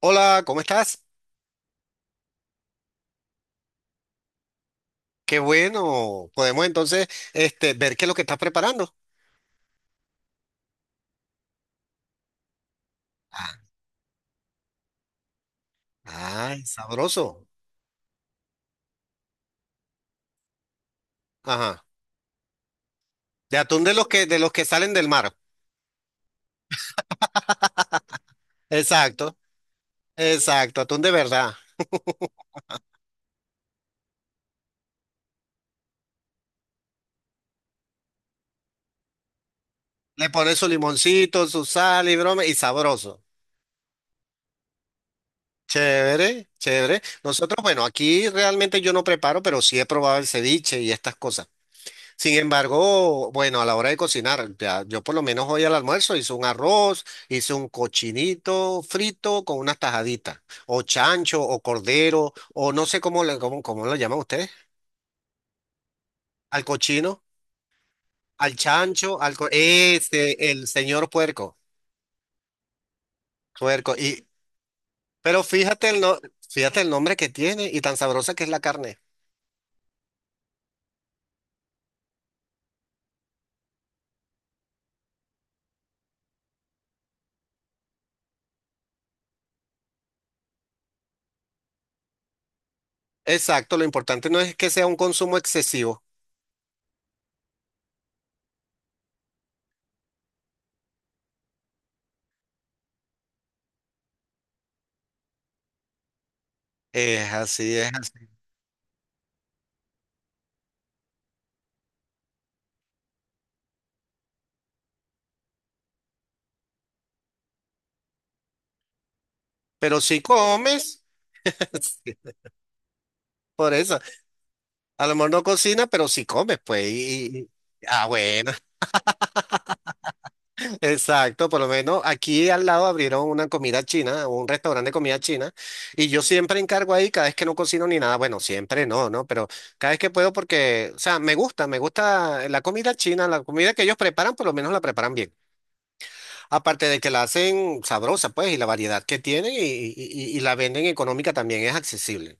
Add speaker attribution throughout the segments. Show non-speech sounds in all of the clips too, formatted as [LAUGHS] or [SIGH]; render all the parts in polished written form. Speaker 1: Hola, ¿cómo estás? Qué bueno. Podemos entonces ver qué es lo que estás preparando. Ah, ay, sabroso. Ajá. De atún de de los que salen del mar. Exacto, exacto, atún de verdad. Le pones su limoncito, su sal y broma, y sabroso. Chévere, chévere. Nosotros, bueno, aquí realmente yo no preparo, pero sí he probado el ceviche y estas cosas. Sin embargo, bueno, a la hora de cocinar, ya, yo por lo menos hoy al almuerzo hice un arroz, hice un cochinito frito con unas tajaditas, o chancho, o cordero, o no sé cómo, cómo, cómo lo llaman ustedes, al cochino, al chancho, el señor puerco, puerco. Pero fíjate el, no- fíjate el nombre que tiene y tan sabrosa que es la carne. Exacto, lo importante no es que sea un consumo excesivo. Es así, es así. Pero si comes, [LAUGHS] sí, por eso. A lo mejor no cocina, pero sí come, pues. Ah, bueno, [LAUGHS] exacto. Por lo menos aquí al lado abrieron una comida china, un restaurante de comida china, y yo siempre encargo ahí cada vez que no cocino ni nada. Bueno, siempre no, ¿no? Pero cada vez que puedo porque, o sea, me gusta la comida china, la comida que ellos preparan, por lo menos la preparan bien. Aparte de que la hacen sabrosa, pues, y la variedad que tienen y la venden económica, también es accesible.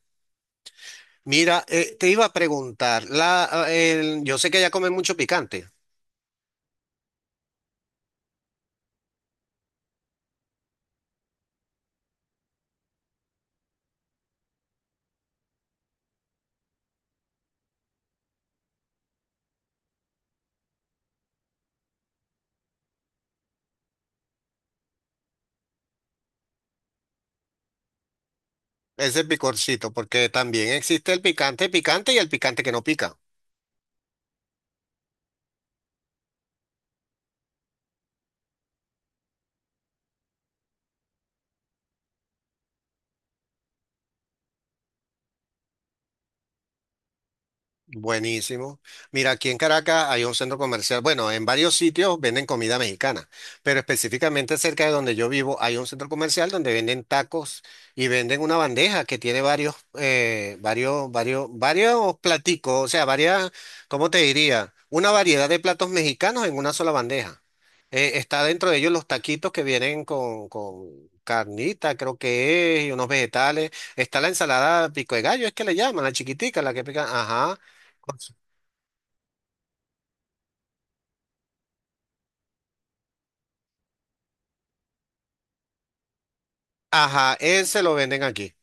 Speaker 1: Mira, te iba a preguntar, yo sé que ya comen mucho picante. Ese picorcito, porque también existe el picante picante y el picante que no pica. Buenísimo. Mira, aquí en Caracas hay un centro comercial. Bueno, en varios sitios venden comida mexicana, pero específicamente cerca de donde yo vivo hay un centro comercial donde venden tacos y venden una bandeja que tiene varios, varios platicos, ¿cómo te diría? Una variedad de platos mexicanos en una sola bandeja. Está dentro de ellos los taquitos que vienen con carnita, creo que es, y unos vegetales. Está la ensalada pico de gallo, es que le llaman, la chiquitica, la que pican. Ajá. Con su... Ajá, ese lo venden aquí.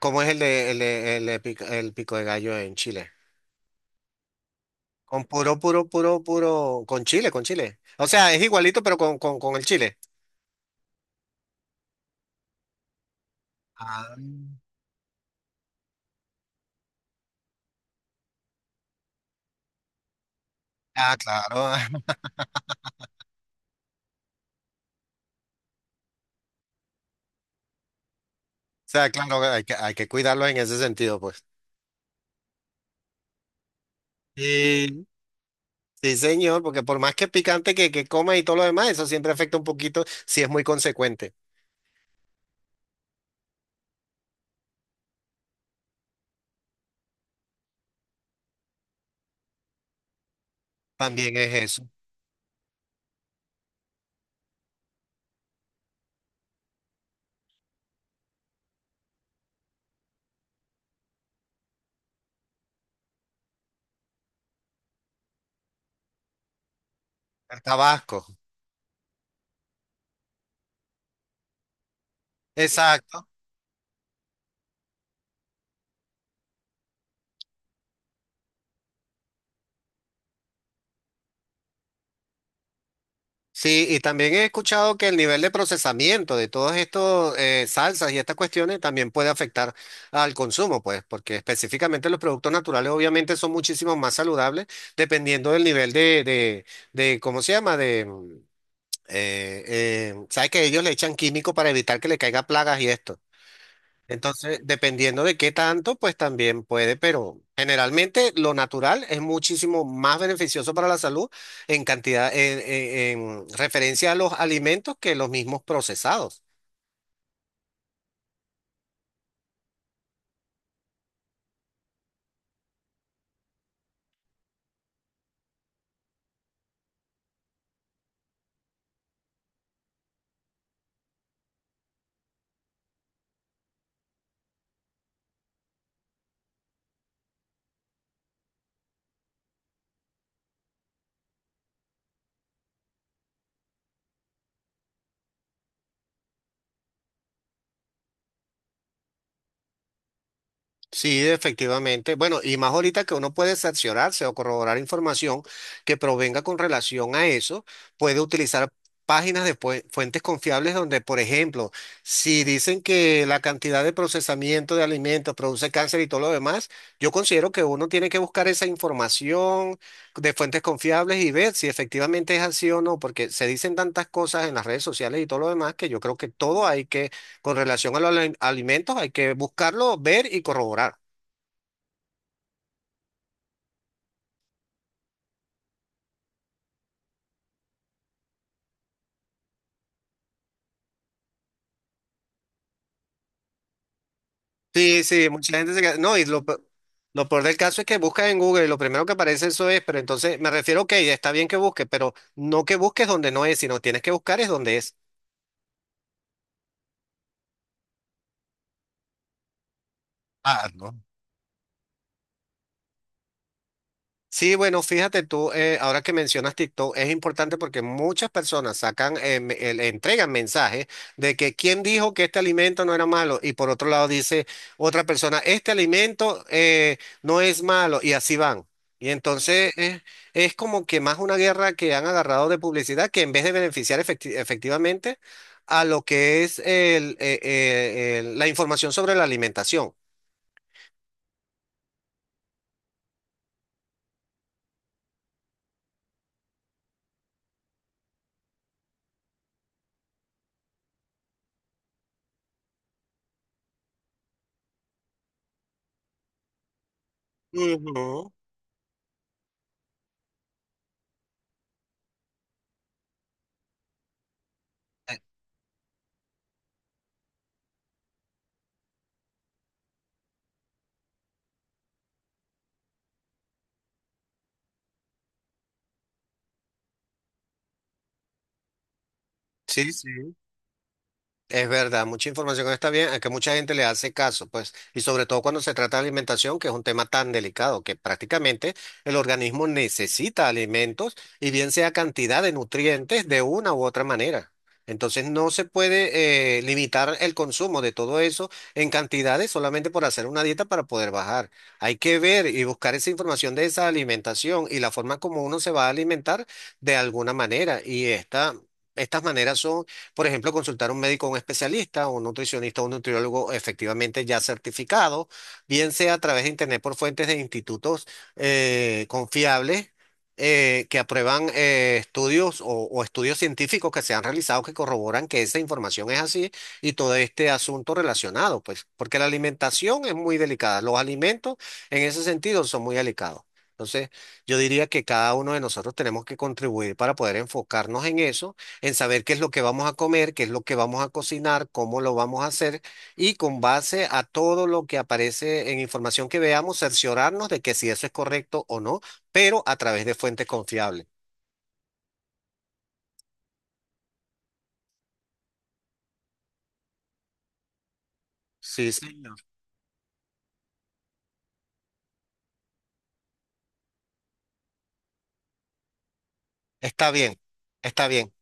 Speaker 1: ¿Cómo es el pico de gallo en Chile? Con puro, con chile. O sea, es igualito, pero con el chile. Ah, ah, claro. [LAUGHS] O sea, claro, hay que cuidarlo en ese sentido, pues. Sí. Sí, señor, porque por más que picante que coma y todo lo demás, eso siempre afecta un poquito si es muy consecuente. También es eso. El tabasco. Exacto. Sí, y también he escuchado que el nivel de procesamiento de todos estos salsas y estas cuestiones también puede afectar al consumo, pues, porque específicamente los productos naturales obviamente son muchísimo más saludables dependiendo del nivel de ¿cómo se llama? ¿Sabes que ellos le echan químico para evitar que le caiga plagas y esto? Entonces, dependiendo de qué tanto, pues también puede, pero generalmente lo natural es muchísimo más beneficioso para la salud en cantidad, en referencia a los alimentos que los mismos procesados. Sí, efectivamente. Bueno, y más ahorita que uno puede cerciorarse o corroborar información que provenga con relación a eso, puede utilizar páginas de fuentes confiables donde, por ejemplo, si dicen que la cantidad de procesamiento de alimentos produce cáncer y todo lo demás, yo considero que uno tiene que buscar esa información de fuentes confiables y ver si efectivamente es así o no, porque se dicen tantas cosas en las redes sociales y todo lo demás que yo creo que todo hay que, con relación a los alimentos, hay que buscarlo, ver y corroborar. Sí, sí, mucha gente se queda. No, y lo, pe- lo peor del caso es que buscas en Google y lo primero que aparece eso es, pero entonces me refiero, ok, está bien que busques, pero no que busques donde no es, sino tienes que buscar es donde es. Ah, ¿no? Sí, bueno, fíjate tú, ahora que mencionas TikTok, es importante porque muchas personas sacan, le entregan mensajes de que quién dijo que este alimento no era malo y por otro lado dice otra persona, este alimento no es malo y así van. Y entonces eh, es como que más una guerra que han agarrado de publicidad que en vez de beneficiar efectivamente a lo que es la información sobre la alimentación. Ujú. Eh, Sí, sí. Es verdad, mucha información está bien, a que mucha gente le hace caso, pues, y sobre todo cuando se trata de alimentación, que es un tema tan delicado, que prácticamente el organismo necesita alimentos y bien sea cantidad de nutrientes de una u otra manera. Entonces no se puede limitar el consumo de todo eso en cantidades solamente por hacer una dieta para poder bajar. Hay que ver y buscar esa información de esa alimentación y la forma como uno se va a alimentar de alguna manera. Y estas maneras son, por ejemplo, consultar a un médico, un especialista, un nutricionista, un nutriólogo efectivamente ya certificado, bien sea a través de internet por fuentes de institutos confiables, que aprueban estudios o estudios científicos que se han realizado que corroboran que esa información es así y todo este asunto relacionado, pues, porque la alimentación es muy delicada, los alimentos en ese sentido son muy delicados. Entonces, yo diría que cada uno de nosotros tenemos que contribuir para poder enfocarnos en eso, en saber qué es lo que vamos a comer, qué es lo que vamos a cocinar, cómo lo vamos a hacer y con base a todo lo que aparece en información que veamos, cerciorarnos de que si eso es correcto o no, pero a través de fuentes confiables. Sí, señor. Está bien, está bien.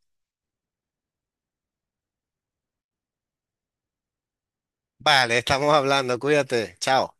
Speaker 1: Vale, estamos hablando, cuídate, chao.